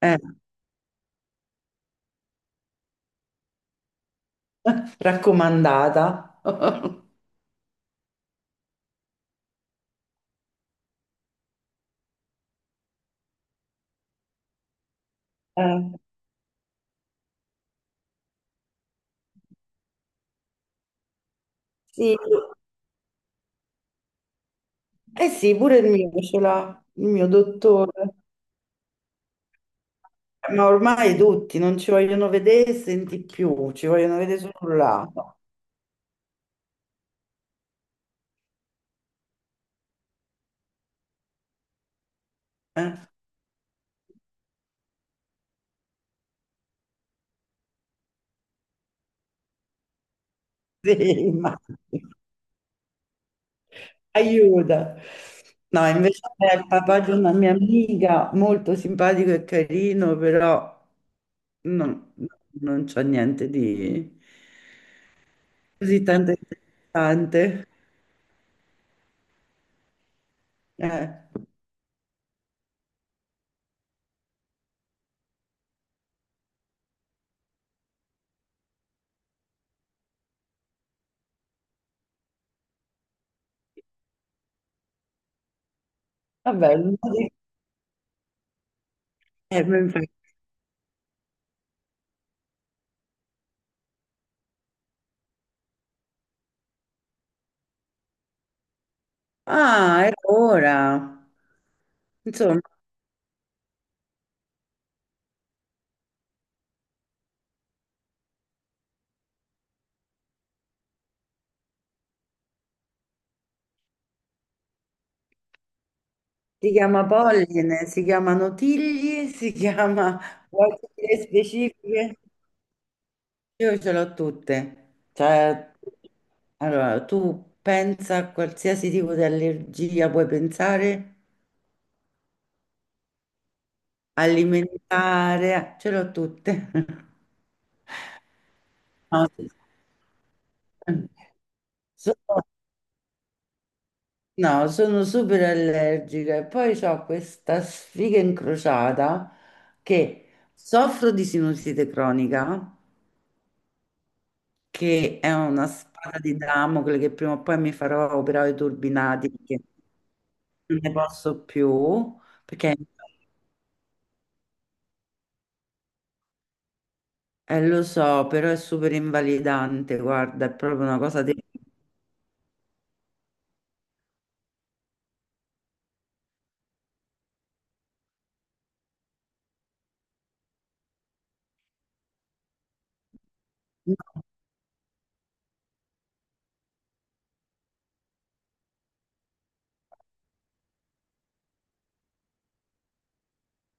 Eh, Raccomandata. Eh, Sì, sì, pure il mio ce l'ha, il mio dottore. Ma ormai tutti non ci vogliono vedere e senti più, ci vogliono vedere solo là. Eh, sì, ma- aiuta. No, invece è il papà di una mia amica, molto simpatico e carino, però non, non c'è niente di così tanto interessante. Eh, Vabbè, eh, ah, e ora, insomma, si chiama polline, si chiamano tigli, si chiama vuoi dire specifiche? Io ce l'ho tutte. Cioè, allora, tu pensa a qualsiasi tipo di allergia, puoi pensare alimentare, ce l'ho tutte. No, sì. Sono No, sono super allergica e poi ho questa sfiga incrociata che soffro di sinusite cronica, che è una spada di Damocle che prima o poi mi farò operare i turbinati perché non ne posso più, perché lo so, però è super invalidante, guarda, è proprio una cosa terribile. No,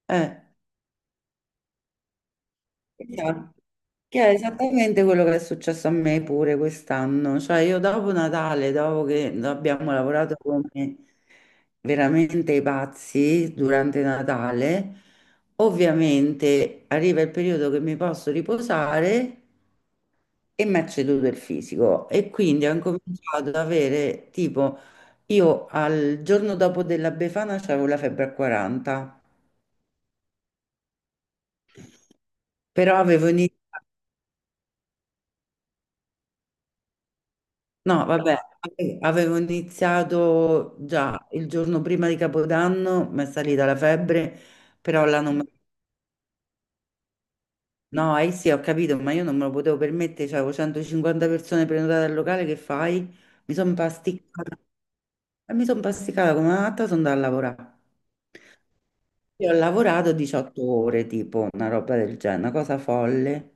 eh. Esatto. Che è esattamente quello che è successo a me pure quest'anno, cioè io dopo Natale, dopo che abbiamo lavorato come veramente i pazzi durante Natale, ovviamente arriva il periodo che mi posso riposare e mi è ceduto il fisico e quindi ho incominciato ad avere tipo io al giorno dopo della Befana avevo la febbre a 40, però avevo iniziato No, vabbè, avevo iniziato già il giorno prima di Capodanno, mi è salita la febbre, però là non... me- no, eh sì, ho capito, ma io non me lo potevo permettere, cioè, avevo 150 persone prenotate al locale, che fai? Mi sono pasticcata, e mi sono pasticcata come una matta, sono andata a lavorare. Io ho lavorato 18 ore, tipo una roba del genere, una cosa folle.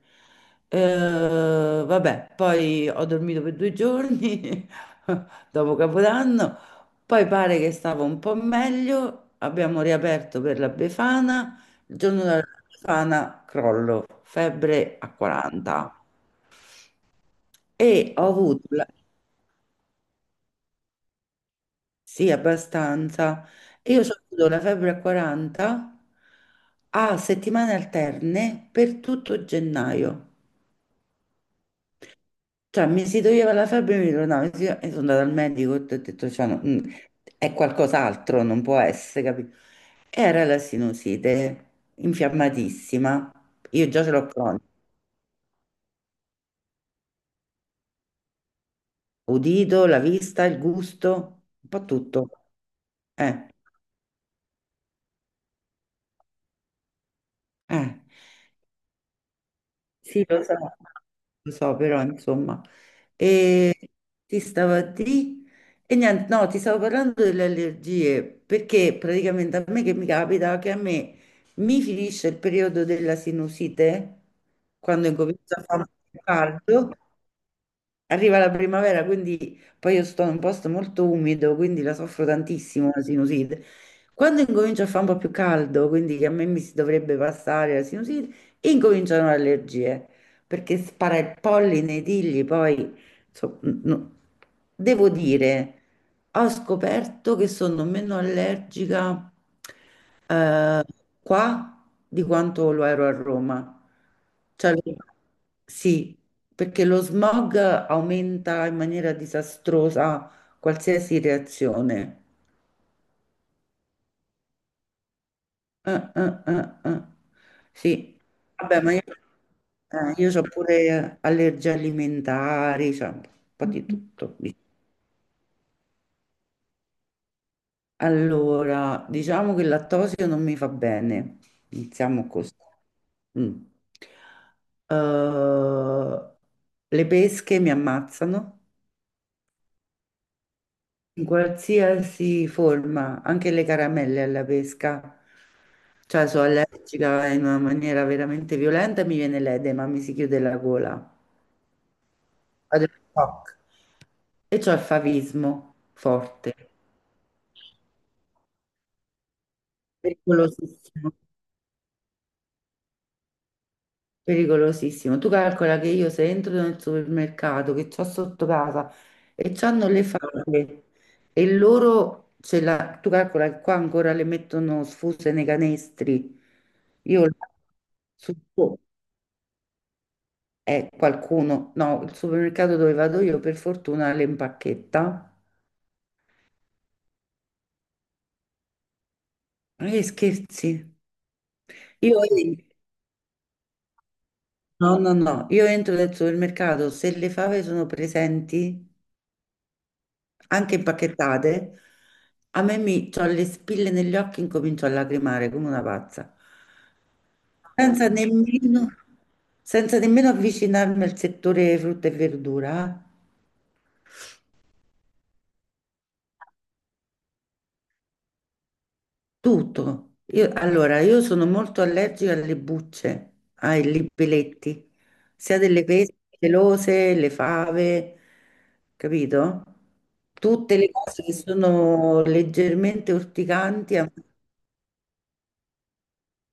Vabbè, poi ho dormito per 2 giorni dopo Capodanno, poi pare che stavo un po' meglio, abbiamo riaperto per la Befana, il giorno della Befana crollo, febbre a 40. E ho avuto la- Sì, abbastanza. Io ho avuto la febbre a 40 a settimane alterne per tutto gennaio. Cioè, mi si toglieva la febbre e mi ritornava. E sono andata al medico e ho detto, cioè, no, è qualcos'altro, non può essere, capito? Era la sinusite infiammatissima. Io già ce l'ho cronica. Udito, la vista, il gusto, un po' tutto. Eh, eh. Sì, lo so, però insomma, e ti stavo a di e niente, no, ti stavo parlando delle allergie perché praticamente a me che mi capita che a me mi finisce il periodo della sinusite quando incomincia a fare caldo. Arriva la primavera, quindi poi io sto in un posto molto umido, quindi la soffro tantissimo la sinusite. Quando incomincia a fare un po' più caldo, quindi che a me mi si dovrebbe passare la sinusite, incominciano le allergie, perché spara il polline, i tigli, poi insomma, no. Devo dire, ho scoperto che sono meno allergica eh, qua di quanto lo ero a Roma. Cioè, sì, perché lo smog aumenta in maniera disastrosa qualsiasi reazione. Eh, eh, eh, eh. Sì, vabbè, ma io, ho pure allergie alimentari, cioè un po' di tutto. Allora, diciamo che il lattosio non mi fa bene, iniziamo così. Mm. Eh, le pesche mi ammazzano in qualsiasi forma, anche le caramelle alla pesca. Cioè, sono allergica in una maniera veramente violenta e mi viene l'edema, mi si chiude la gola. Vado in shock. E c'ho il favismo forte, pericolosissimo, pericolosissimo. Tu calcola che io se entro nel supermercato che c'ho sotto casa e c'hanno le fave e loro ce la... Tu calcola che qua ancora le mettono sfuse nei canestri. Io su- E qualcuno, no, il supermercato dove vado io per fortuna le impacchetta. Ma che scherzi? Io entro, no, no, no, io entro nel supermercato, se le fave sono presenti, anche impacchettate, a me mi ho le spille negli occhi, incomincio a lacrimare come una pazza. Senza nemmeno, Senza nemmeno avvicinarmi al settore frutta e verdura. Tutto. Allora, io sono molto allergica alle bucce, ai libelletti, sia delle pesche pelose, le fave, capito? Tutte le cose che sono leggermente urticanti,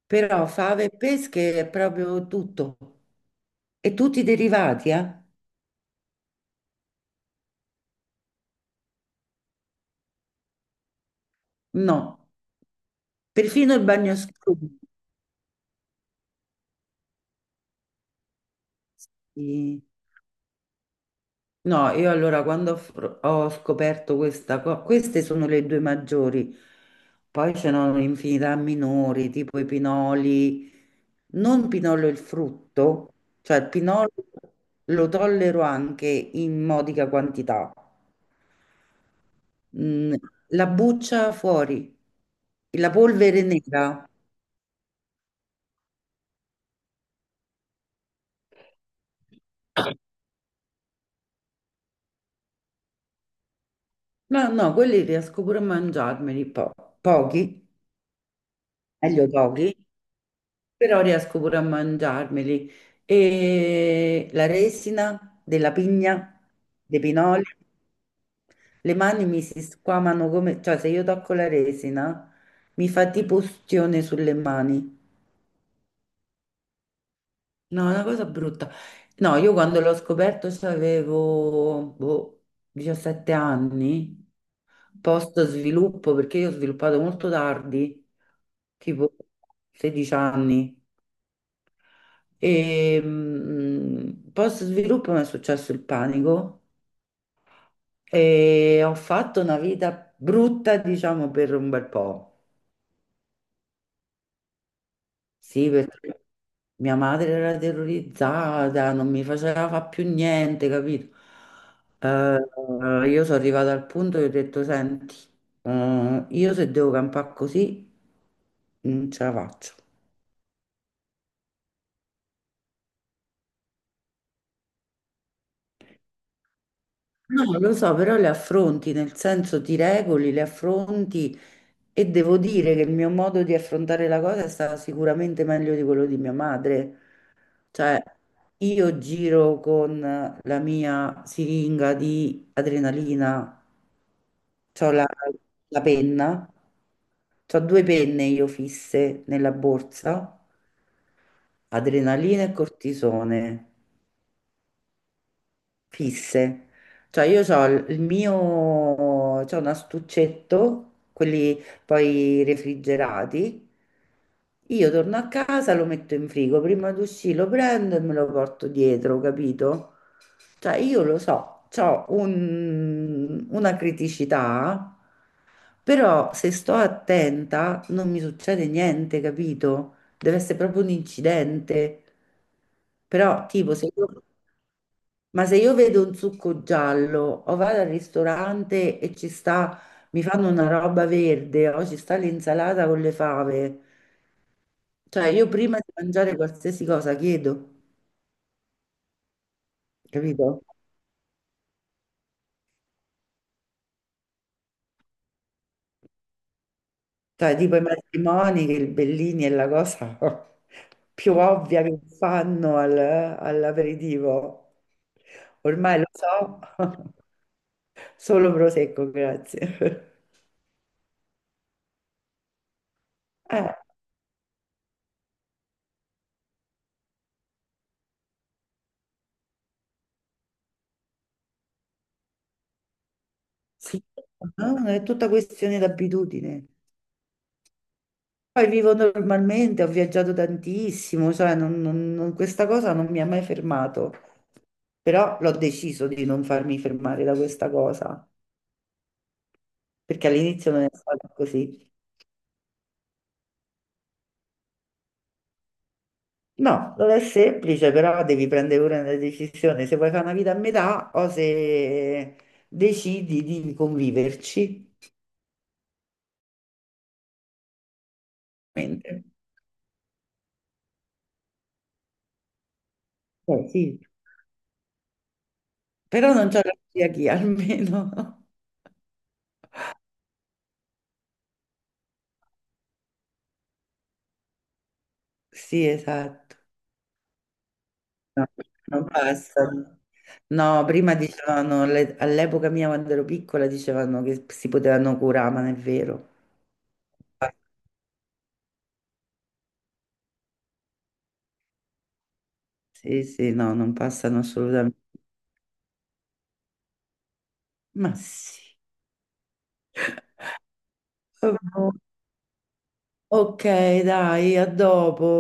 però fave e pesche è proprio tutto. E tutti i derivati, eh? No, perfino il bagnoschiuma. Sì. No, io allora quando ho, fr- ho scoperto questa cosa, queste sono le due maggiori, poi ce n'erano un'infinità minori, tipo i pinoli, non pinolo il frutto, cioè il pinolo lo tollero anche in modica quantità, Mm, la buccia fuori, la polvere nera, no, no, quelli riesco pure a mangiarmeli pochi, meglio pochi, però riesco pure a mangiarmeli. E la resina della pigna, dei pinoli, le mani mi si squamano come, cioè se io tocco la resina mi fa tipo ustione sulle mani. No, è una cosa brutta. No, io quando l'ho scoperto avevo 17 anni, post sviluppo, perché io ho sviluppato molto tardi, tipo 16 anni. Post sviluppo mi è successo il panico e ho fatto una vita brutta, diciamo, per un bel po'. Sì, perché mia madre era terrorizzata, non mi faceva fa più niente, capito? Io sono arrivata al punto che ho detto, senti, io se devo campare così, non ce la faccio. No, lo so, però le affronti, nel senso ti regoli, le affronti e devo dire che il mio modo di affrontare la cosa è stato sicuramente meglio di quello di mia madre. Cioè, io giro con la mia siringa di adrenalina, c'ho la, la penna, c'ho due penne io fisse nella borsa, adrenalina e cortisone fisse. Cioè io ho il mio, C'ho un astuccetto, quelli poi refrigerati. Io torno a casa, lo metto in frigo, prima di uscire lo prendo e me lo porto dietro, capito? Cioè io lo so, ho una criticità, però se sto attenta non mi succede niente, capito? Deve essere proprio un incidente. Però tipo se io Ma se io vedo un succo giallo o vado al ristorante e ci sta, mi fanno una roba verde o ci sta l'insalata con le fave, cioè io prima di mangiare qualsiasi cosa chiedo, capito? Cioè tipo i matrimoni, che il Bellini è la cosa più ovvia che fanno all'aperitivo. Ormai lo so, solo prosecco, grazie. Eh, sì, no, è tutta questione d'abitudine. Poi vivo normalmente, ho viaggiato tantissimo, questa cosa non mi ha mai fermato, però l'ho deciso di non farmi fermare da questa cosa, perché all'inizio non è stato così. No, non è semplice, però devi prendere pure una decisione se vuoi fare una vita a metà o se decidi di conviverci. Quindi, eh sì, però non c'è la celiachia almeno. Sì, esatto. No, non passano. No, prima dicevano, all'epoca mia quando ero piccola dicevano che si potevano curare, ma non è vero. Sì, sì, no, non passano assolutamente. Ma sì. Oh, ok, dai, a dopo.